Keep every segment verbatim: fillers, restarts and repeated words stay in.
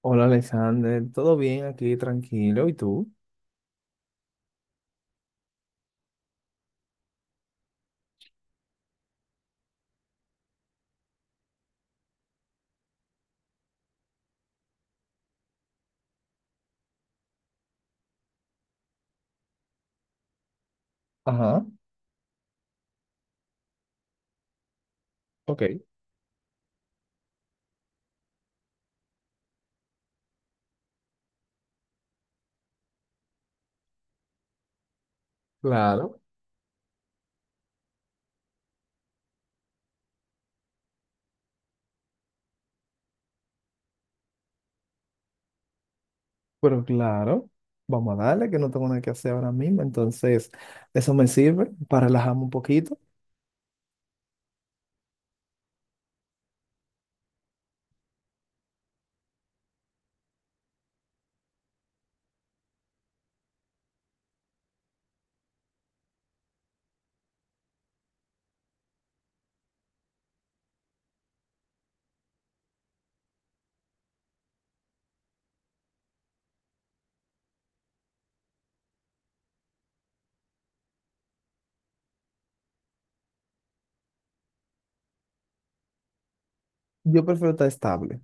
Hola Alexander, ¿todo bien aquí? Tranquilo, ¿y tú? Ajá, ok. Claro, pero claro, vamos a darle que no tengo nada que hacer ahora mismo, entonces eso me sirve para relajarme un poquito. Yo prefiero estar estable,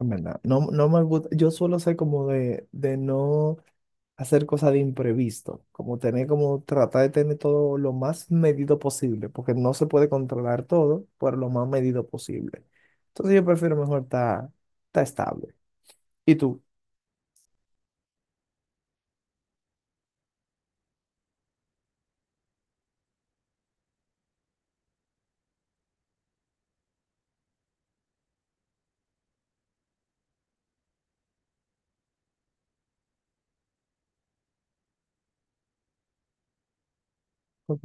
en verdad. No, no me gusta, yo suelo ser como de, de no hacer cosas de imprevisto, como tener como tratar de tener todo lo más medido posible, porque no se puede controlar todo, pero lo más medido posible. Entonces yo prefiero mejor estar, estar estable. ¿Y tú? Ok.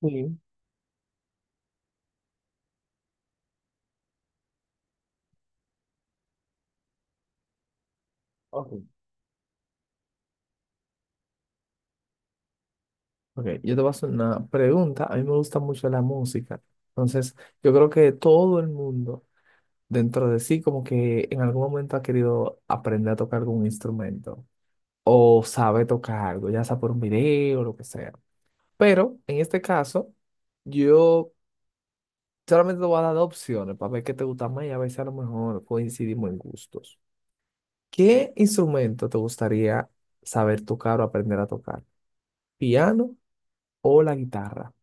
Sí, ok. Ok, yo te voy a hacer una pregunta. A mí me gusta mucho la música. Entonces, yo creo que todo el mundo dentro de sí como que en algún momento ha querido aprender a tocar algún instrumento o sabe tocar algo, ya sea por un video o lo que sea. Pero en este caso, yo solamente te voy a dar dos opciones para ver qué te gusta más y a ver si a lo mejor coincidimos en gustos. ¿Qué instrumento te gustaría saber tocar o aprender a tocar? ¿Piano o la guitarra?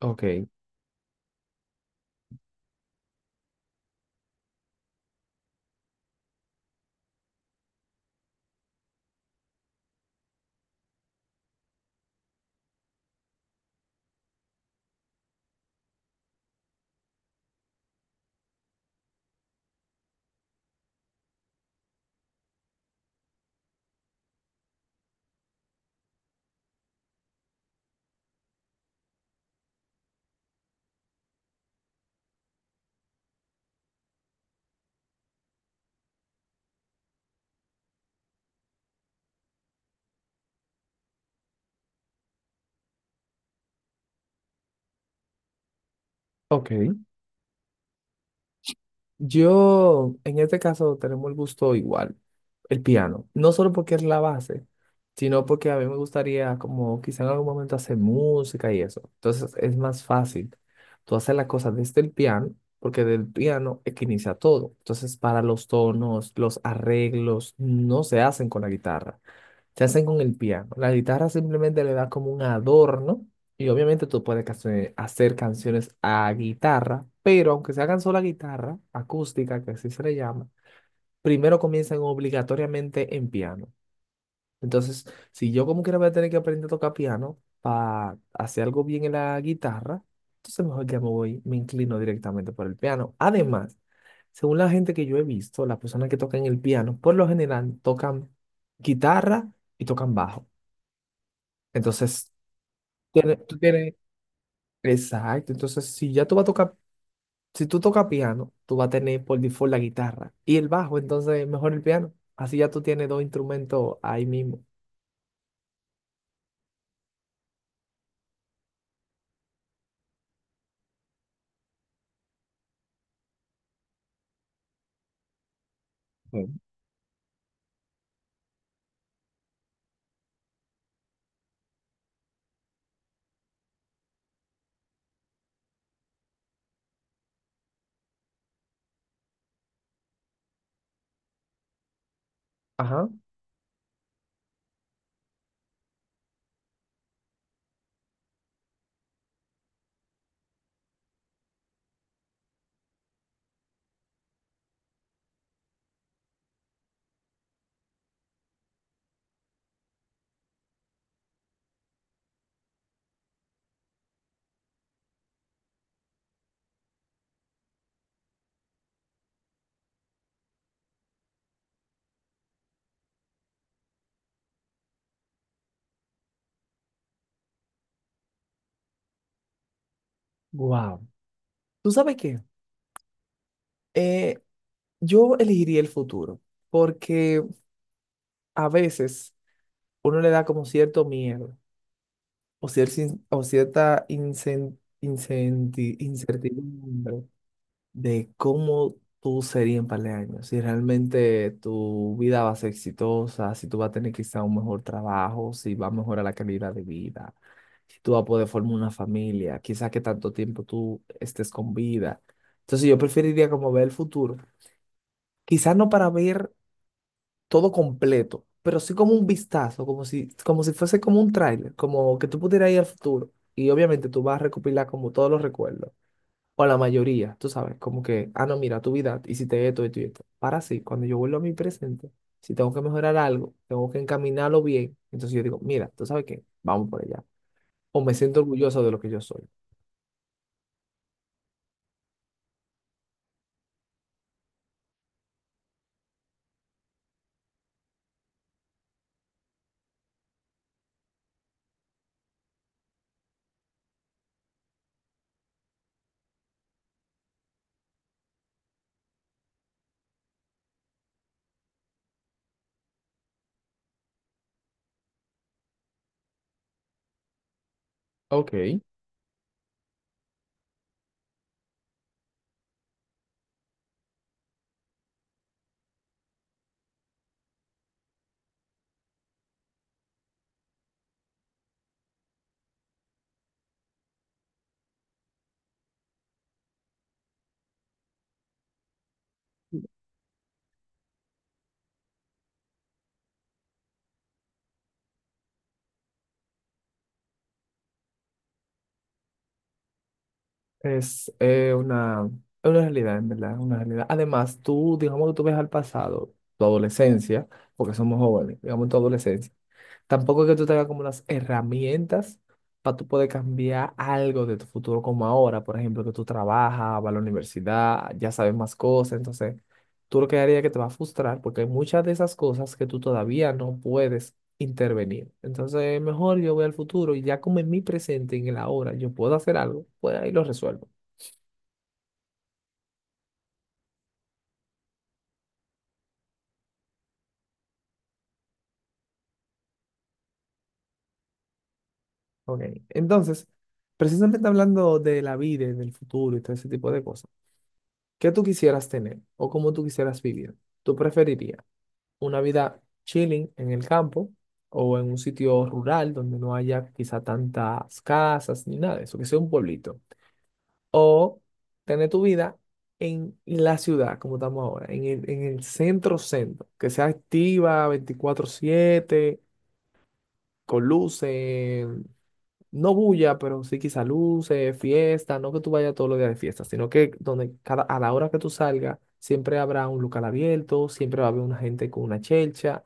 Ok. Ok, yo en este caso tenemos el gusto igual, el piano, no solo porque es la base, sino porque a mí me gustaría como quizá en algún momento hacer música y eso. Entonces es más fácil tú hacer las cosas desde el piano, porque del piano es que inicia todo. Entonces para los tonos, los arreglos no se hacen con la guitarra, se hacen con el piano. La guitarra simplemente le da como un adorno y obviamente tú puedes cance- hacer canciones a guitarra, pero aunque se hagan sola guitarra, acústica, que así se le llama, primero comienzan obligatoriamente en piano. Entonces, si yo como quiera voy a tener que aprender a tocar piano para hacer algo bien en la guitarra, entonces mejor ya me voy, me inclino directamente por el piano. Además, según la gente que yo he visto, las personas que tocan el piano, por lo general tocan guitarra y tocan bajo. Entonces, tiene- tú tienes, exacto, entonces si ya tú vas a tocar, si tú tocas piano, tú vas a tener por default la guitarra y el bajo, entonces mejor el piano. Así ya tú tienes dos instrumentos ahí mismo. Mm. Ajá. Wow. ¿Tú sabes qué? Eh, yo elegiría el futuro, porque a veces uno le da como cierto miedo o, cier- sin- o cierta incen- incenti- incertidumbre de cómo tú serías en par de años, si realmente tu vida va a ser exitosa, si tú vas a tener quizá un mejor trabajo, si va a mejorar la calidad de vida, si tú vas a poder formar una familia, quizá que tanto tiempo tú estés con vida. Entonces yo preferiría como ver el futuro, quizá no para ver todo completo, pero sí como un vistazo, como si, como si fuese como un tráiler, como que tú pudieras ir al futuro. Y obviamente tú vas a recopilar como todos los recuerdos o la mayoría, tú sabes, como que, ah, no, mira, tu vida, hiciste esto, esto y esto. Para sí, cuando yo vuelvo a mi presente, si tengo que mejorar algo, tengo que encaminarlo bien, entonces yo digo, mira, tú sabes qué, vamos por allá. O me siento orgulloso de lo que yo soy. Ok. Es eh, una, es una realidad, en verdad, es una realidad. Además, tú, digamos que tú ves al pasado, tu adolescencia, porque somos jóvenes, digamos tu adolescencia. Tampoco es que tú tengas como las herramientas para tú poder cambiar algo de tu futuro como ahora, por ejemplo, que tú trabajas, vas a la universidad, ya sabes más cosas, entonces tú lo que haría es que te va a frustrar porque hay muchas de esas cosas que tú todavía no puedes intervenir. Entonces, mejor yo voy al futuro y ya como en mi presente, en el ahora, yo puedo hacer algo, pues ahí lo resuelvo. Ok, entonces, precisamente hablando de la vida, y del futuro y todo ese tipo de cosas, ¿qué tú quisieras tener o cómo tú quisieras vivir? ¿Tú preferirías una vida chilling en el campo o en un sitio rural donde no haya quizá tantas casas ni nada de eso, que sea un pueblito? O tener tu vida en la ciudad, como estamos ahora, en el, en el centro centro, que sea activa veinticuatro siete con luces, no bulla, pero sí quizá luces, fiesta, no que tú vayas todos los días de fiesta, sino que donde cada, a la hora que tú salgas, siempre habrá un local abierto, siempre va a haber una gente con una chelcha.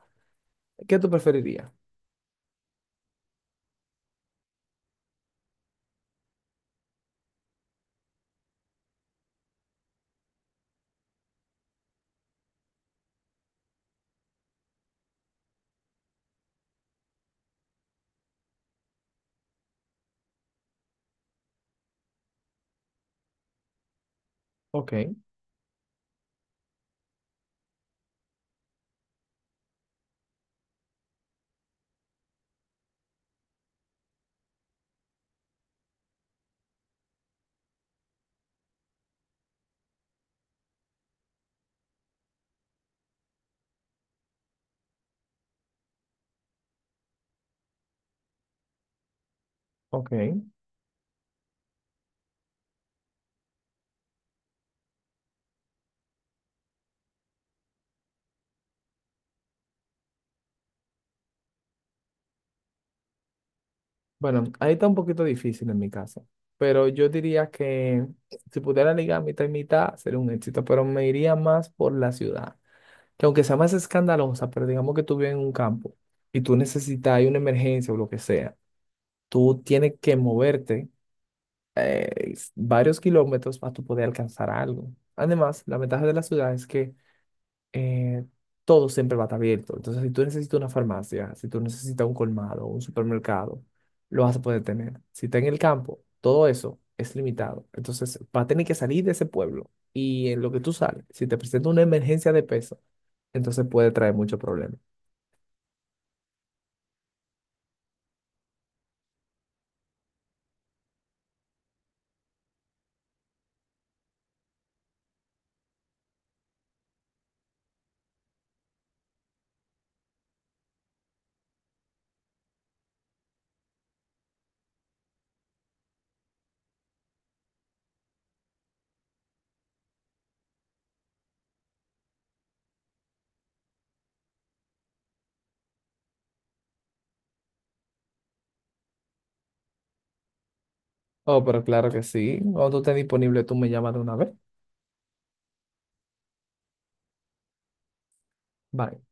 ¿Qué tú preferirías? Ok, ok. Bueno, ahí está un poquito difícil en mi caso, pero yo diría que si pudiera ligar mitad y mitad sería un éxito, pero me iría más por la ciudad, que aunque sea más escandalosa, pero digamos que tú vives en un campo y tú necesitas, hay una emergencia o lo que sea, tú tienes que moverte eh, s- varios kilómetros para tú poder alcanzar algo. Además, la ventaja de la ciudad es que eh, todo siempre va a estar abierto. Entonces, si tú necesitas una farmacia, si tú necesitas un colmado, un supermercado, lo vas a poder tener. Si está en el campo, todo eso es limitado. Entonces, va a tener que salir de ese pueblo. Y en lo que tú sales, si te presenta una emergencia de peso, entonces puede traer muchos problemas. Oh, pero claro que sí. Cuando tú estés disponible, tú me llamas de una vez. Bye.